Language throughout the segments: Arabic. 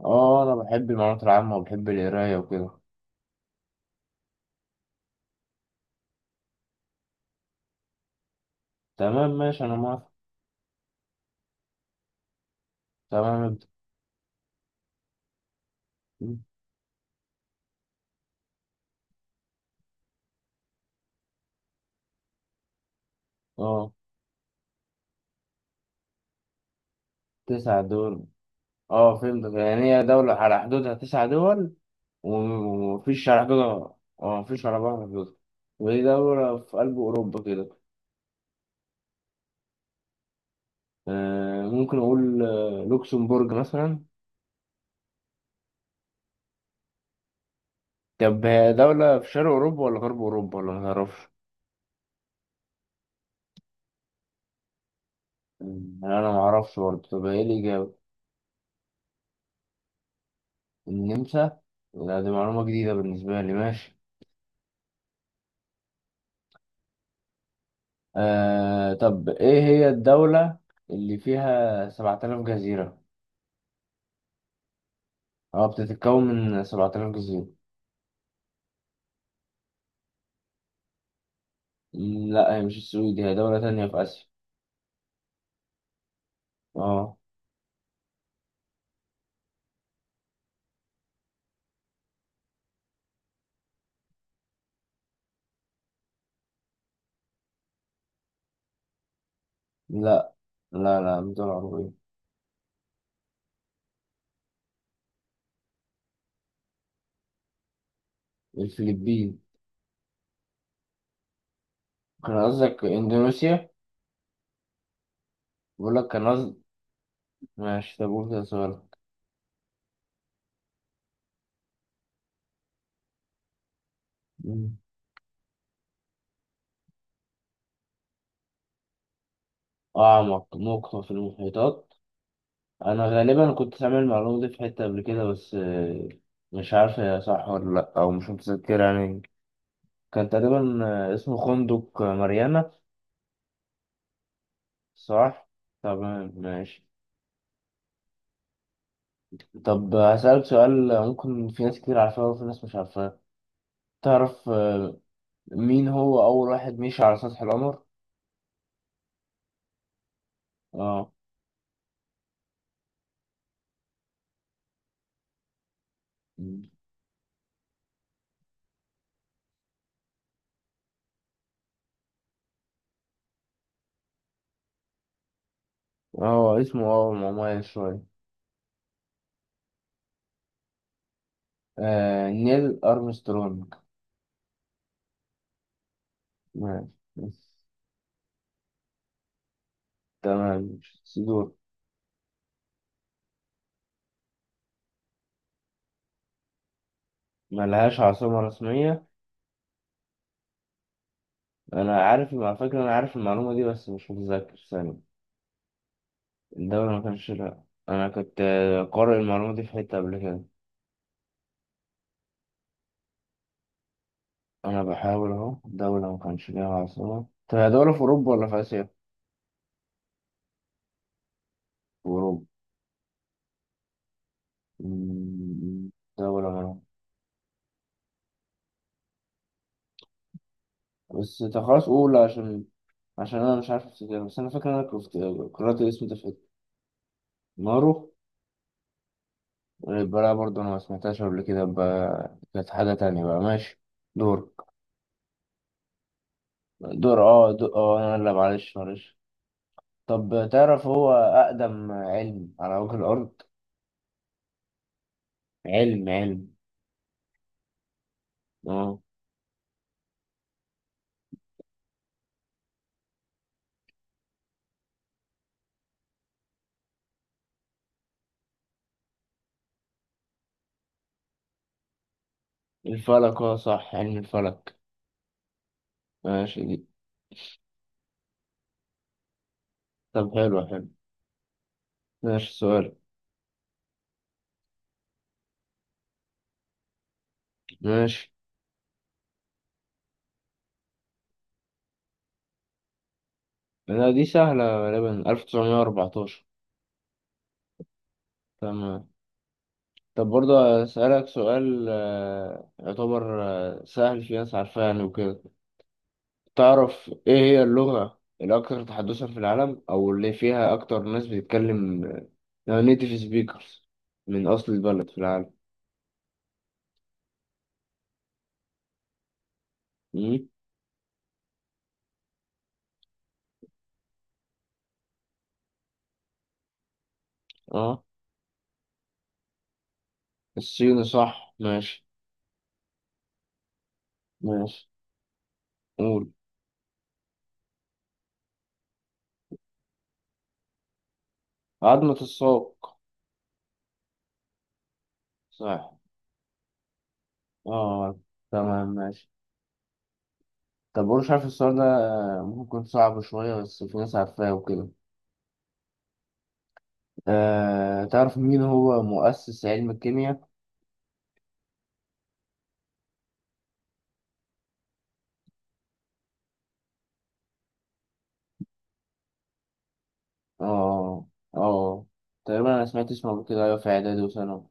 اه انا بحب المعلومات العامة وبحب القراية وكده. تمام، ماشي، انا موافق. تمام، ابدأ. اه، تسع دول. اه، فهمت، يعني هي دولة على حدودها تسع دول. ومفيش على حدودها. اه، مفيش على بعض حدودها، وهي دولة في قلب أوروبا كده. ممكن أقول لوكسمبورج مثلا. طب هي دولة في شرق أوروبا ولا غرب أوروبا ولا متعرفش؟ أنا معرفش برضه، طب هي الإجابة النمسا؟ لا، دي معلومة جديدة بالنسبة لي، ماشي. طب إيه هي الدولة اللي فيها 7000 جزيرة؟ أه، بتتكون من 7000 جزيرة. لا، هي مش السويد، هي دولة تانية في آسيا. أه. لا، لا، لا، مش دولة عربية. الفلبين. كان قصدك إندونيسيا؟ بقول لك كان قصدك. ماشي، طب قول كده سؤالك. مم. أعمق نقطة في المحيطات. أنا غالبا كنت سامع المعلومة دي في حتة قبل كده، بس مش عارف هي صح ولا لأ، أو مش متذكر يعني. كان تقريبا اسمه خندق ماريانا. صح، تمام، ماشي. طب هسألك سؤال، ممكن في ناس كتير عارفاه وفي ناس مش عارفاه. تعرف مين هو أول واحد مشي على سطح القمر؟ اه. اه، اسمه مميز شوية. نيل أرمسترونج. ماشي، تمام سيدور. ملهاش عاصمة رسمية. أنا عارف على فكرة، أنا عارف المعلومة دي بس مش متذكر ثانية. الدولة ما كانش لها. أنا كنت قارئ المعلومة دي في حتة قبل كده. انا بحاول اهو، دولة ما كانش ليها عاصمة. طب هي دولة في اوروبا ولا في اسيا؟ في اوروبا. أمم. دولة منهم، بس طب خلاص قول عشان. عشان انا مش عارف افتكر، بس انا فاكر إن انا كنت قرأت الاسم ده في حتة. مارو. يبقى لا، برضه انا ما سمعتهاش قبل كده، يبقى كانت حاجة تانية بقى. ماشي. دورك. دور، انا لا، معلش معلش. طب تعرف هو اقدم علم على وجه الارض؟ علم، علم. اه. الفلك، صح، علم الفلك. ماشي. طب حلو حلو. ماشي سؤال. ماشي. لا، دي سهلة غالبا، 1914. تمام. طب برضه أسألك سؤال، يعتبر سهل، في ناس عارفاه يعني وكده. تعرف إيه هي اللغة الأكثر تحدثا في العالم، أو اللي فيها أكتر ناس بتتكلم نيتيف سبيكرز من أصل البلد في العالم؟ مم؟ أه، الصيني، صح، ماشي. ماشي، قول. عظمة الساق. صح، أه، تمام، ماشي. طب وانا مش عارف السؤال ده، ممكن يكون صعب شوية، بس في ناس عارفاه وكده. تعرف مين هو مؤسس علم الكيمياء؟ اه، اه، تقريبا أنا سمعت اسمه قبل كده، أيوة في إعدادي وثانوي.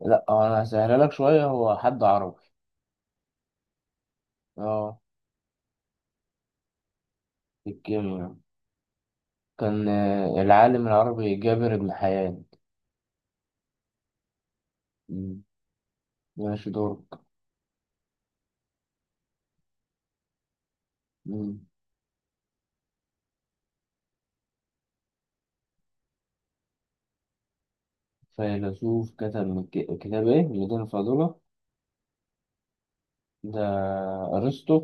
لأ، هو أنا هسهلها لك شوية، هو حد عربي. اه، في الكيمياء. كان العالم العربي جابر بن حيان. مم. ماشي، دورك. مم. فيلسوف كتب من كتاب إيه؟ ميدان الفاضلة. ده. أرسطو.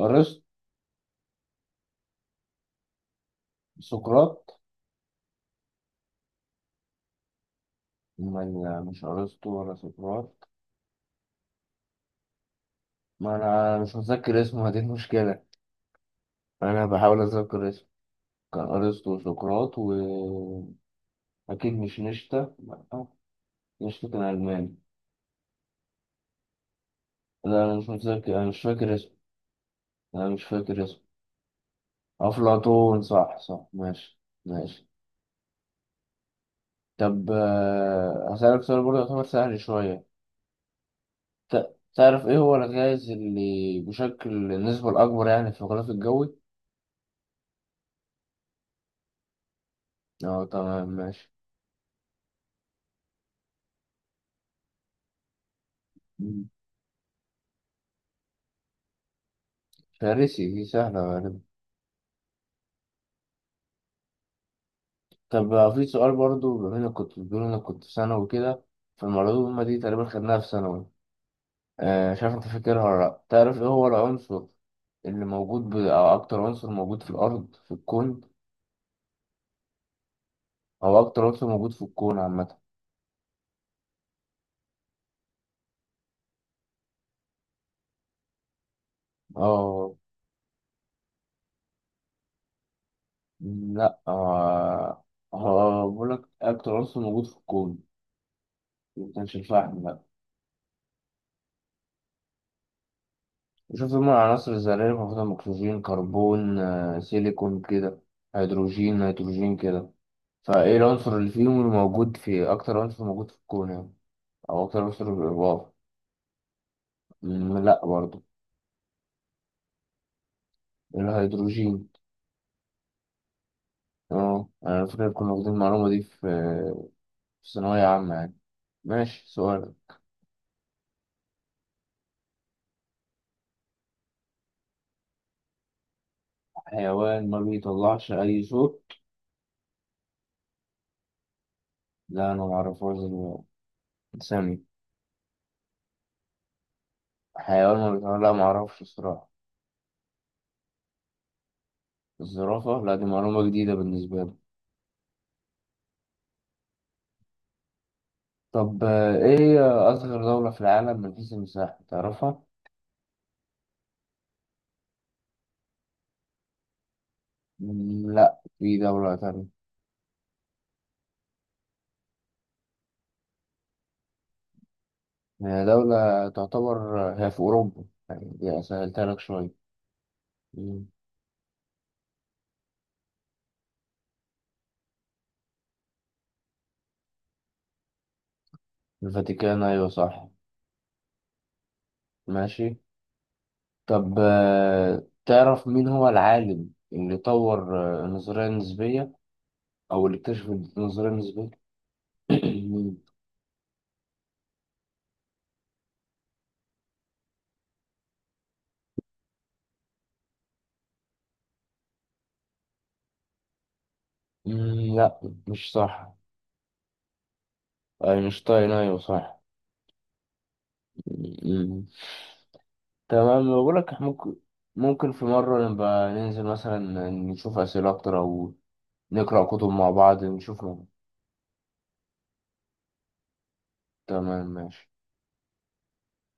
أرسطو. سقراط. مش ارسطو ولا سقراط. ما انا مش متذكر اسمه، هذه المشكله. انا بحاول اتذكر اسمه. كان ارسطو وسقراط، واكيد مش نشتا، لأ، نشتا كان الماني. لا، انا مش متذكر، انا مش فاكر اسمه. انا مش فاكر اسمه. افلاطون، صح، صح، ماشي. ماشي. طب هسألك سؤال برضه يعتبر سهل شوية. تعرف ايه هو الغاز اللي بشكل النسبة الأكبر يعني في الغلاف الجوي؟ اه، تمام، ماشي. مم. فارسي، دي سهلة غالبا. طب في سؤال برضو، بما انك كنت بتقول انك كنت في ثانوي كده، فالمعلومة دي تقريبا خدناها في ثانوي. مش عارف انت فاكرها ولا لأ. تعرف ايه هو العنصر اللي موجود او اكتر عنصر موجود في الارض، في الكون؟ او اكتر عنصر موجود في الكون عامة. اه. لا، هو بقول لك اكتر عنصر موجود في الكون، ما كانش الفحم، لا. شوف، هما العناصر الذرية المفروض اكسجين، كربون، سيليكون كده، هيدروجين، نيتروجين كده. فايه العنصر اللي فيهم، اللي موجود في اكتر عنصر موجود في الكون يعني، او اكتر عنصر، واو. لا، برضه. الهيدروجين. اه، انا فاكر كنا واخدين المعلومة دي في ثانوية عامة يعني. ماشي سؤال. حيوان ما بيطلعش اي صوت. لا، انا معرفهاش دي. ثاني، حيوان ما بيطلعش. لا، معرفش الصراحة. الزرافة، لا دي معلومة جديدة بالنسبة لي. طب ايه هي اصغر دولة في العالم من حيث المساحة، تعرفها؟ لا، في دولة تانية. هي دولة تعتبر، هي في أوروبا، يعني دي سهلتها لك شوية. مم. الفاتيكان، أيوة صح. ماشي. طب تعرف مين هو العالم اللي طور النظرية النسبية، أو اللي اكتشف النظرية النسبية؟ مم. لا، مش صح. أينشتاين، أيوة صح. مم. تمام، بقول لك إحنا ممكن في مرة نبقى ننزل مثلا، نشوف أسئلة أكتر، أو نقرأ كتب مع بعض، نشوف. تمام، ماشي.